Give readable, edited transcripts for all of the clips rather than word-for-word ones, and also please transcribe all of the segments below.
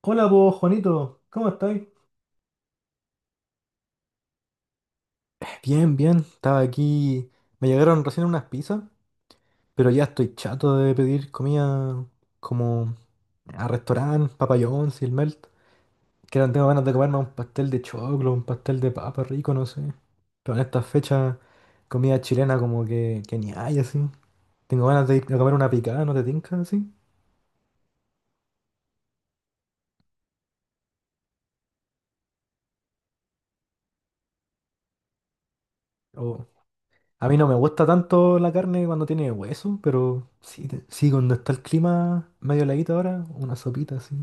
Hola vos, Juanito, ¿cómo estáis? Bien, bien, estaba aquí. Me llegaron recién unas pizzas, pero ya estoy chato de pedir comida como a restaurante, Papa y el Melt. Que ahora tengo ganas de comerme un pastel de choclo, un pastel de papa rico, no sé. Pero en estas fechas, comida chilena como que ni hay así. Tengo ganas de ir a comer una picada, ¿no te tinca así? O, a mí no me gusta tanto la carne cuando tiene hueso, pero sí, sí, cuando está el clima medio heladito ahora, una sopita así.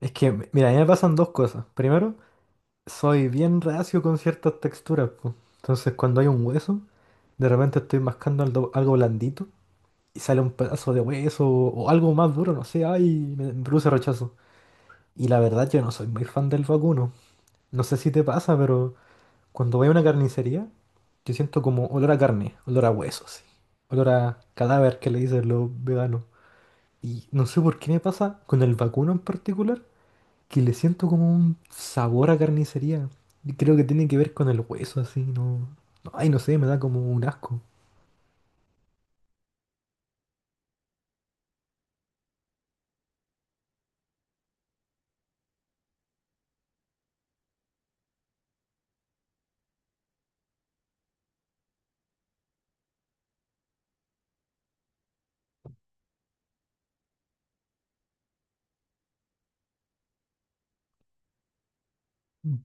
Es que, mira, a mí me pasan dos cosas. Primero, soy bien reacio con ciertas texturas, po. Entonces, cuando hay un hueso, de repente estoy mascando algo, algo blandito y sale un pedazo de hueso o algo más duro, no sé, ay, me produce rechazo. Y la verdad, yo no soy muy fan del vacuno. No sé si te pasa, pero cuando voy a una carnicería, yo siento como olor a carne, olor a hueso, sí. Olor a cadáver que le dicen los veganos. Y no sé por qué me pasa con el vacuno en particular, que le siento como un sabor a carnicería. Y creo que tiene que ver con el hueso, así, no. No, ay, no sé, me da como un asco.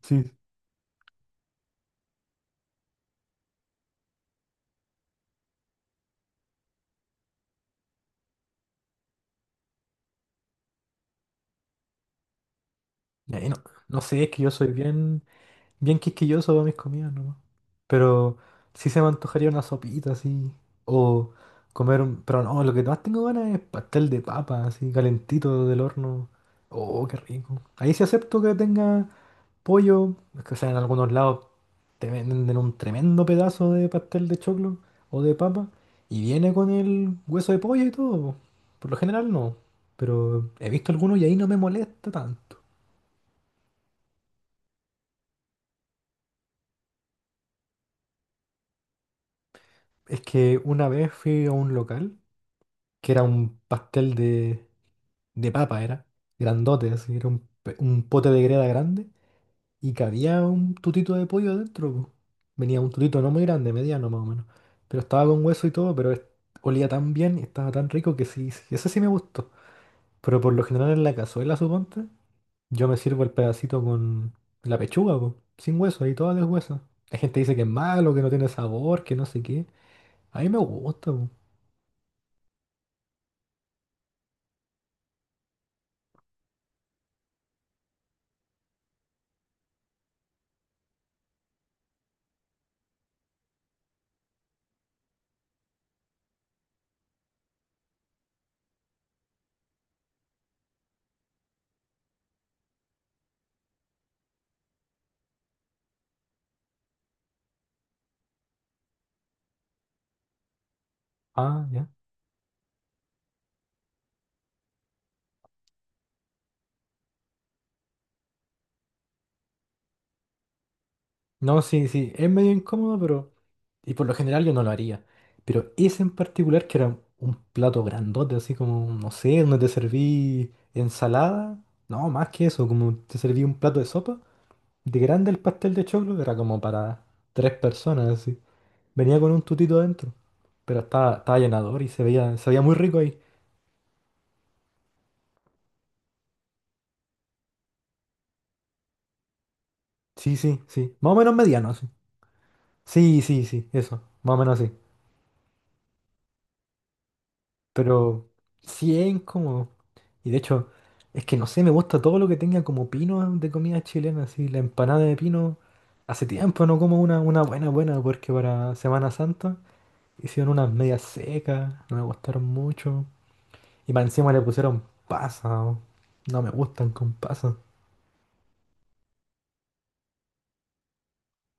Sí. Y ahí no, no sé, es que yo soy bien quisquilloso para mis comidas, ¿no? Pero sí se me antojaría una sopita así. O comer un. Pero no, lo que más tengo ganas es pastel de papa, así, calentito del horno. Oh, qué rico. Ahí sí acepto que tenga pollo. Es que, o sea, en algunos lados te venden un tremendo pedazo de pastel de choclo o de papa y viene con el hueso de pollo y todo, po. Por lo general no, pero he visto algunos y ahí no me molesta tanto. Es que una vez fui a un local que era un pastel de papa, era grandote, así, era un, un pote de greda grande y cabía un tutito de pollo dentro, po. Venía un tutito no muy grande, mediano más o menos, pero estaba con hueso y todo, pero olía tan bien y estaba tan rico que sí, sí, ese sí me gustó. Pero por lo general en la cazuela, suponte, yo me sirvo el pedacito con la pechuga, po, sin hueso, ahí toda deshuesa. La gente dice que es malo, que no tiene sabor, que no sé qué. A mí me gusta, po. Ah, ya. No, sí, sí, es medio incómodo, pero... Y por lo general yo no lo haría. Pero ese en particular, que era un plato grandote, así como, no sé, donde te serví ensalada. No, más que eso, como te serví un plato de sopa. De grande el pastel de choclo, era como para tres personas, así. Venía con un tutito adentro. Pero estaba llenador y se veía muy rico ahí. Sí, sí, sí. Más o menos mediano, así. Sí, sí, sí, eso. Más o menos así. Pero 100 como... Y de hecho, es que no sé, me gusta todo lo que tenga como pino de comida chilena, así. La empanada de pino. Hace tiempo no como una buena, buena, porque para Semana Santa hicieron unas medias secas, no me gustaron mucho. Y para encima le pusieron pasas. Oh. No me gustan con pasas.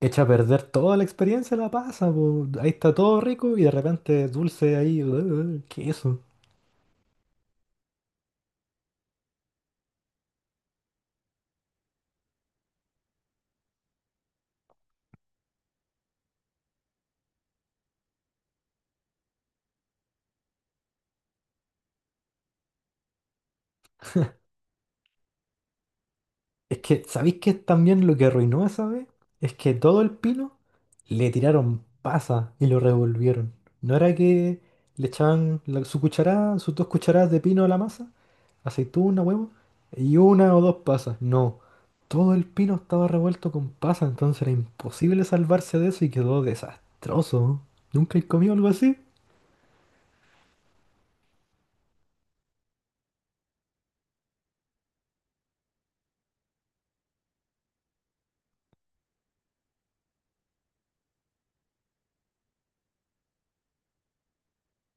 Echa a perder toda la experiencia la pasa, po. Ahí está todo rico y de repente dulce ahí, ¿qué es eso? Es que, ¿sabéis qué es también lo que arruinó esa vez? Es que todo el pino le tiraron pasa y lo revolvieron. No era que le echaban su cucharada, sus dos cucharadas de pino a la masa, aceituna, huevo, y una o dos pasas. No, todo el pino estaba revuelto con pasa, entonces era imposible salvarse de eso y quedó desastroso. ¿Nunca he comido algo así?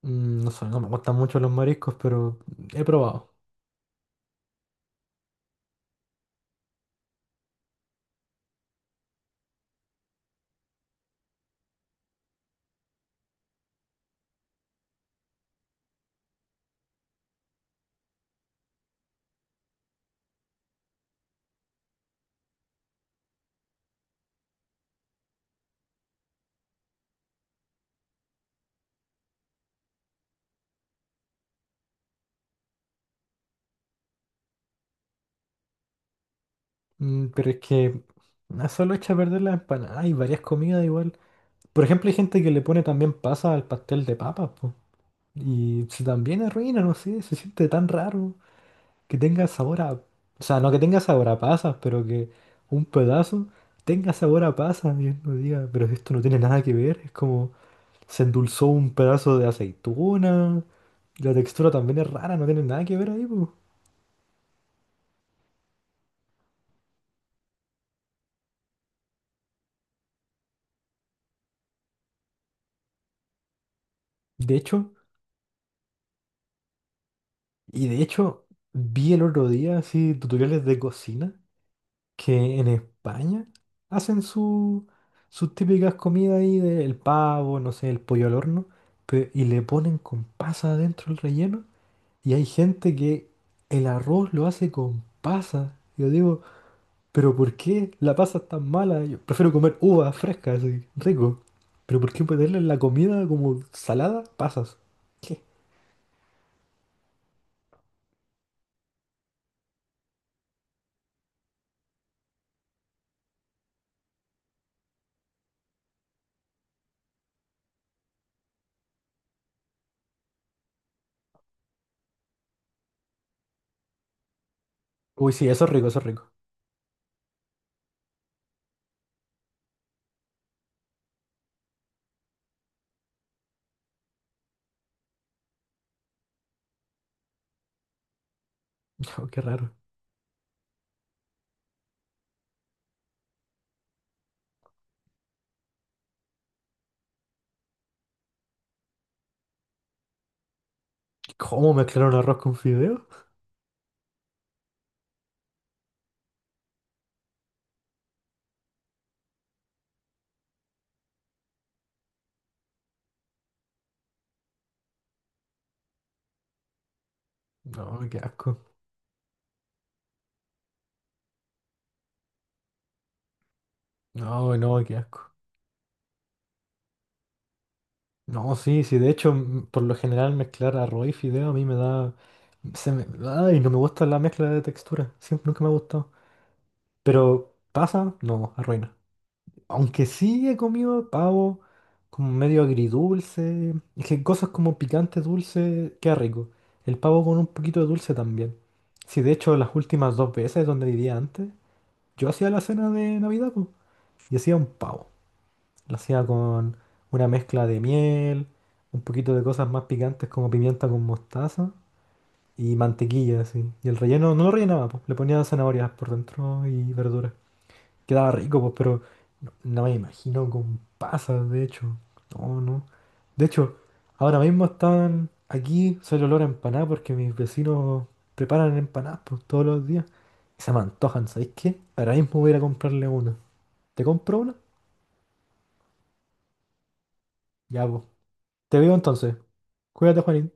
Mm, no sé, no me gustan mucho los mariscos, pero he probado. Mm, pero es que no solo echa a perder las empanadas. Hay varias comidas igual. Por ejemplo, hay gente que le pone también pasa al pastel de papas, po. Y se también arruina, no sé, se siente tan raro que tenga sabor a... O sea, no que tenga sabor a pasas, pero que un pedazo tenga sabor a pasas. Y uno diga, pero esto no tiene nada que ver. Es como se endulzó un pedazo de aceituna. La textura también es rara, no tiene nada que ver ahí, po. De hecho... Y de hecho, vi el otro día así tutoriales de cocina que en España hacen sus típicas comidas ahí del pavo, no sé, el pollo al horno, y le ponen con pasa adentro el relleno. Y hay gente que el arroz lo hace con pasa. Yo digo, ¿pero por qué la pasa es tan mala? Yo prefiero comer uvas frescas, así, rico. ¿Pero por qué ponerle en la comida como salada pasas? ¿Qué? Uy, sí, eso es rico, eso es rico. Qué raro. ¿Cómo mezclaron arroz con fideo? No, qué asco. No, no, qué asco. No, sí, sí, de hecho, por lo general mezclar arroz y fideo a mí me da... Se me, ay, no me gusta la mezcla de textura. Siempre, nunca me ha gustado. Pero pasa, no, arruina. Aunque sí he comido pavo como medio agridulce. Es que cosas como picante dulce, qué rico. El pavo con un poquito de dulce también. Sí, de hecho, las últimas dos veces donde vivía antes, yo hacía la cena de Navidad, pues, y hacía un pavo. Lo hacía con una mezcla de miel, un poquito de cosas más picantes como pimienta con mostaza y mantequilla, así. Y el relleno no lo rellenaba, pues, le ponía zanahorias por dentro y verduras. Quedaba rico, pues, pero no me imagino con pasas, de hecho. No, no. De hecho, ahora mismo están aquí, soy el olor a empanada porque mis vecinos preparan empanadas, pues, todos los días. Y se me antojan, ¿sabéis qué? Ahora mismo voy a ir a comprarle una. ¿Te compro una? Ya, pues. Te veo entonces. Cuídate, Juanín.